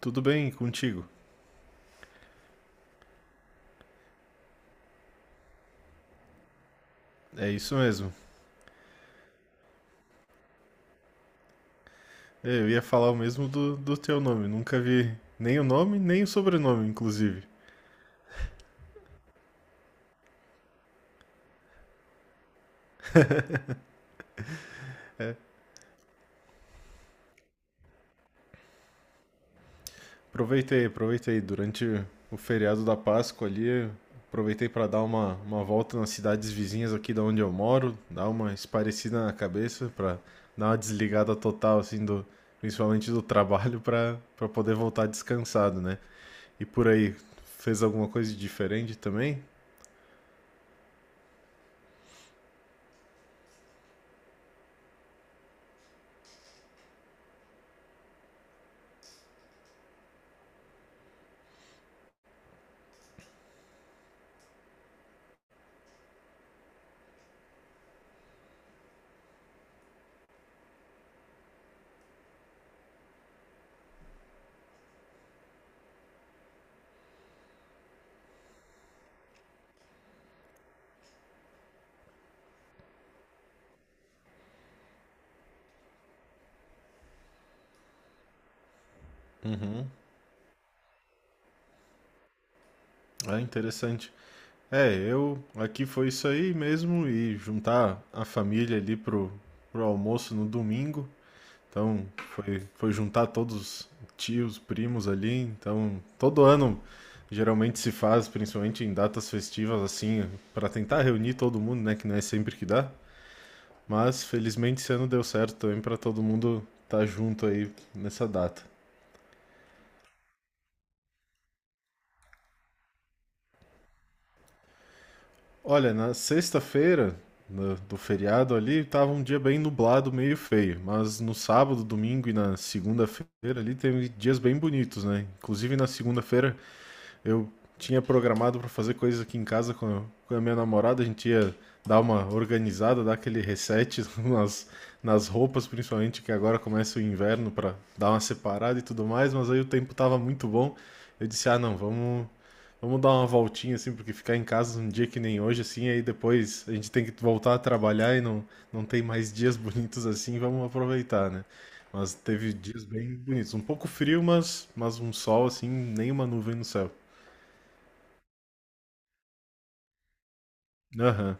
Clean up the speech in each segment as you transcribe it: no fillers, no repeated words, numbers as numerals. Tudo bem contigo? É isso mesmo. É, eu ia falar o mesmo do teu nome. Nunca vi nem o nome, nem o sobrenome, inclusive. Aproveitei. Durante o feriado da Páscoa ali, aproveitei para dar uma volta nas cidades vizinhas aqui da onde eu moro, dar uma esparecida na cabeça, para dar uma desligada total, assim, do, principalmente do trabalho, para poder voltar descansado, né? E por aí, fez alguma coisa de diferente também? É interessante. É, eu aqui foi isso aí mesmo e juntar a família ali pro, pro almoço no domingo. Então foi juntar todos os tios, primos ali. Então todo ano geralmente se faz, principalmente em datas festivas assim, para tentar reunir todo mundo, né? Que não é sempre que dá. Mas felizmente esse ano deu certo também para todo mundo estar junto aí nessa data. Olha, na sexta-feira do feriado ali, tava um dia bem nublado, meio feio. Mas no sábado, domingo e na segunda-feira ali, teve dias bem bonitos, né? Inclusive na segunda-feira eu tinha programado para fazer coisas aqui em casa com a minha namorada, a gente ia dar uma organizada, dar aquele reset nas, nas roupas, principalmente que agora começa o inverno para dar uma separada e tudo mais, mas aí o tempo tava muito bom. Eu disse: "Ah, não, vamos dar uma voltinha assim, porque ficar em casa um dia que nem hoje assim, aí depois a gente tem que voltar a trabalhar e não tem mais dias bonitos assim, vamos aproveitar, né? Mas teve dias bem bonitos, um pouco frio, mas um sol assim, nem uma nuvem no céu. Aham.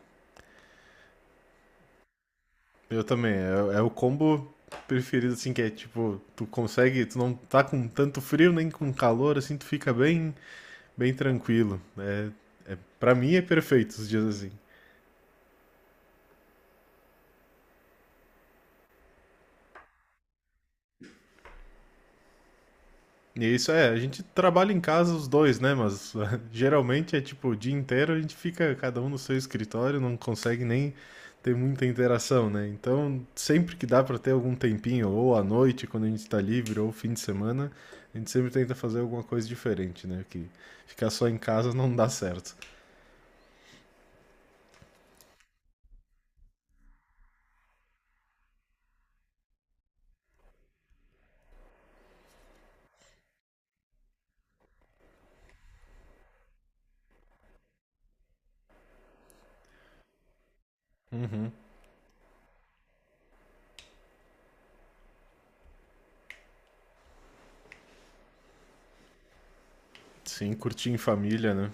Eu também. É, é o combo preferido, assim, que é tipo, tu consegue, tu não tá com tanto frio nem com calor, assim, tu fica bem, bem tranquilo, né? Pra mim é perfeito os dias assim. Isso, é, a gente trabalha em casa os dois, né? Mas geralmente é tipo o dia inteiro a gente fica cada um no seu escritório, não consegue nem ter muita interação, né? Então, sempre que dá para ter algum tempinho, ou à noite, quando a gente está livre, ou fim de semana, a gente sempre tenta fazer alguma coisa diferente, né? Que ficar só em casa não dá certo. Sim, curtir em família, né?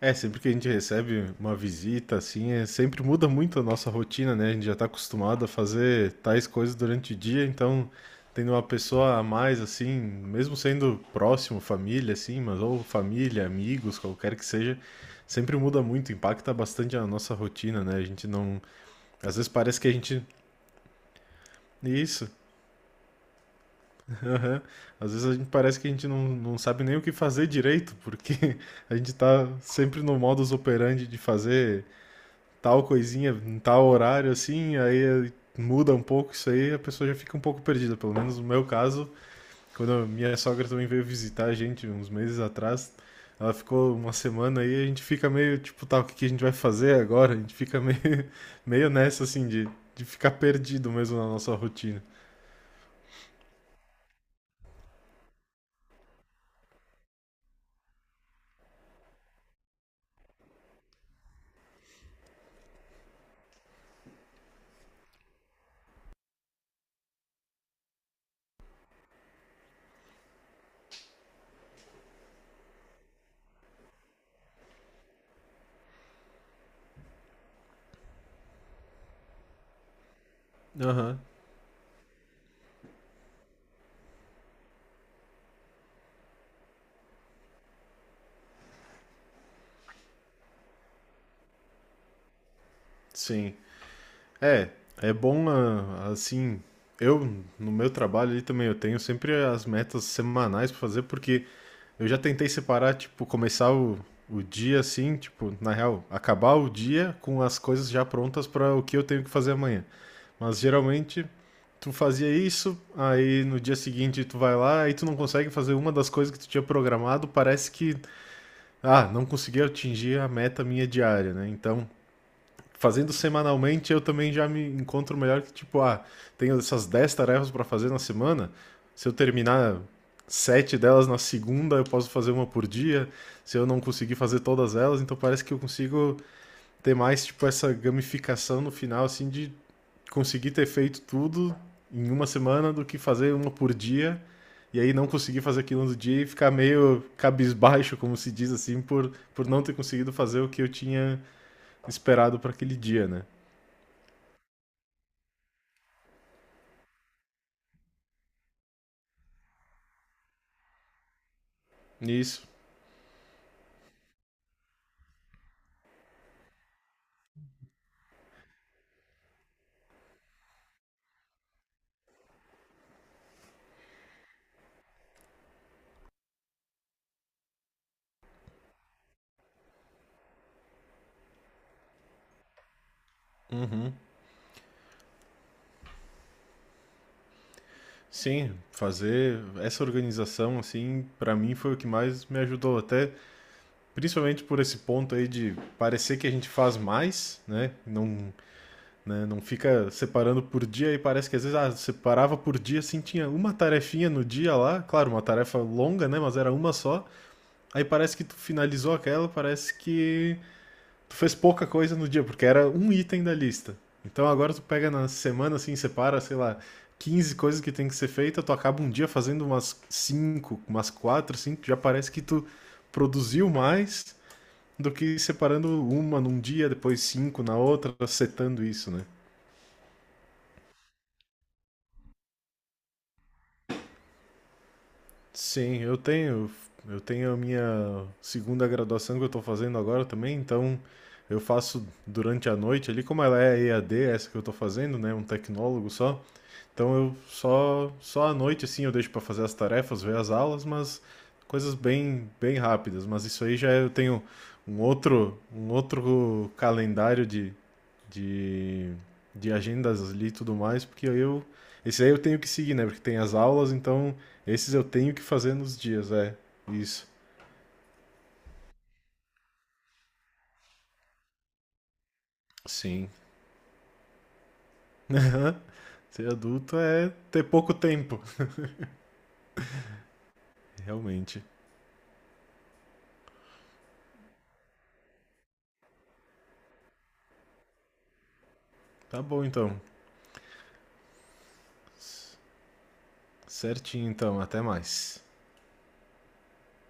É, sempre que a gente recebe uma visita, assim, é, sempre muda muito a nossa rotina, né? A gente já está acostumado a fazer tais coisas durante o dia, então tendo uma pessoa a mais, assim, mesmo sendo próximo, família, assim, mas ou família, amigos, qualquer que seja, sempre muda muito, impacta bastante a nossa rotina, né? A gente não. Às vezes parece que a gente. Isso, aham. Às vezes a gente parece que a gente não, não sabe nem o que fazer direito, porque a gente tá sempre no modus operandi de fazer tal coisinha em tal horário, assim, aí muda um pouco isso aí, a pessoa já fica um pouco perdida. Pelo menos no meu caso, quando a minha sogra também veio visitar a gente uns meses atrás, ela ficou uma semana aí, a gente fica meio tipo, tá, o que que a gente vai fazer agora? A gente fica meio, meio nessa, assim, de ficar perdido mesmo na nossa rotina. Aham. Sim. É, é bom ah, assim. Eu, no meu trabalho ali também, eu tenho sempre as metas semanais pra fazer, porque eu já tentei separar, tipo, começar o dia assim, tipo, na real, acabar o dia com as coisas já prontas pra o que eu tenho que fazer amanhã. Mas geralmente tu fazia isso, aí no dia seguinte tu vai lá, aí tu não consegue fazer uma das coisas que tu tinha programado, parece que, ah, não consegui atingir a meta minha diária, né? Então fazendo semanalmente, eu também já me encontro melhor que, tipo, ah, tenho essas 10 tarefas para fazer na semana. Se eu terminar 7 delas na segunda, eu posso fazer uma por dia. Se eu não conseguir fazer todas elas, então parece que eu consigo ter mais, tipo, essa gamificação no final, assim, de conseguir ter feito tudo em uma semana do que fazer uma por dia. E aí não conseguir fazer aquilo no dia e ficar meio cabisbaixo, como se diz assim, por não ter conseguido fazer o que eu tinha esperado para aquele dia, né? Isso. Uhum. Sim, fazer essa organização, assim, pra mim foi o que mais me ajudou. Até principalmente por esse ponto aí de parecer que a gente faz mais, né? Não, né? Não fica separando por dia e parece que às vezes ah, separava por dia, assim, tinha uma tarefinha no dia lá, claro, uma tarefa longa, né? Mas era uma só. Aí parece que tu finalizou aquela, parece que tu fez pouca coisa no dia, porque era um item da lista. Então agora tu pega na semana, assim, separa, sei lá, 15 coisas que tem que ser feita, tu acaba um dia fazendo umas 5 umas quatro cinco, já parece que tu produziu mais do que separando uma num dia, depois cinco na outra, setando isso, né? Sim, eu tenho a minha segunda graduação que eu tô fazendo agora também, então eu faço durante a noite ali, como ela é EAD, essa que eu tô fazendo, né, um tecnólogo só. Então eu só só à noite assim eu deixo para fazer as tarefas, ver as aulas, mas coisas bem rápidas, mas isso aí já é, eu tenho um outro calendário de de agendas ali e tudo mais, porque aí eu esse aí eu tenho que seguir, né? Porque tem as aulas, então esses eu tenho que fazer nos dias, é. Isso. Sim. Ser adulto é ter pouco tempo, realmente. Tá bom então. Certinho então, até mais.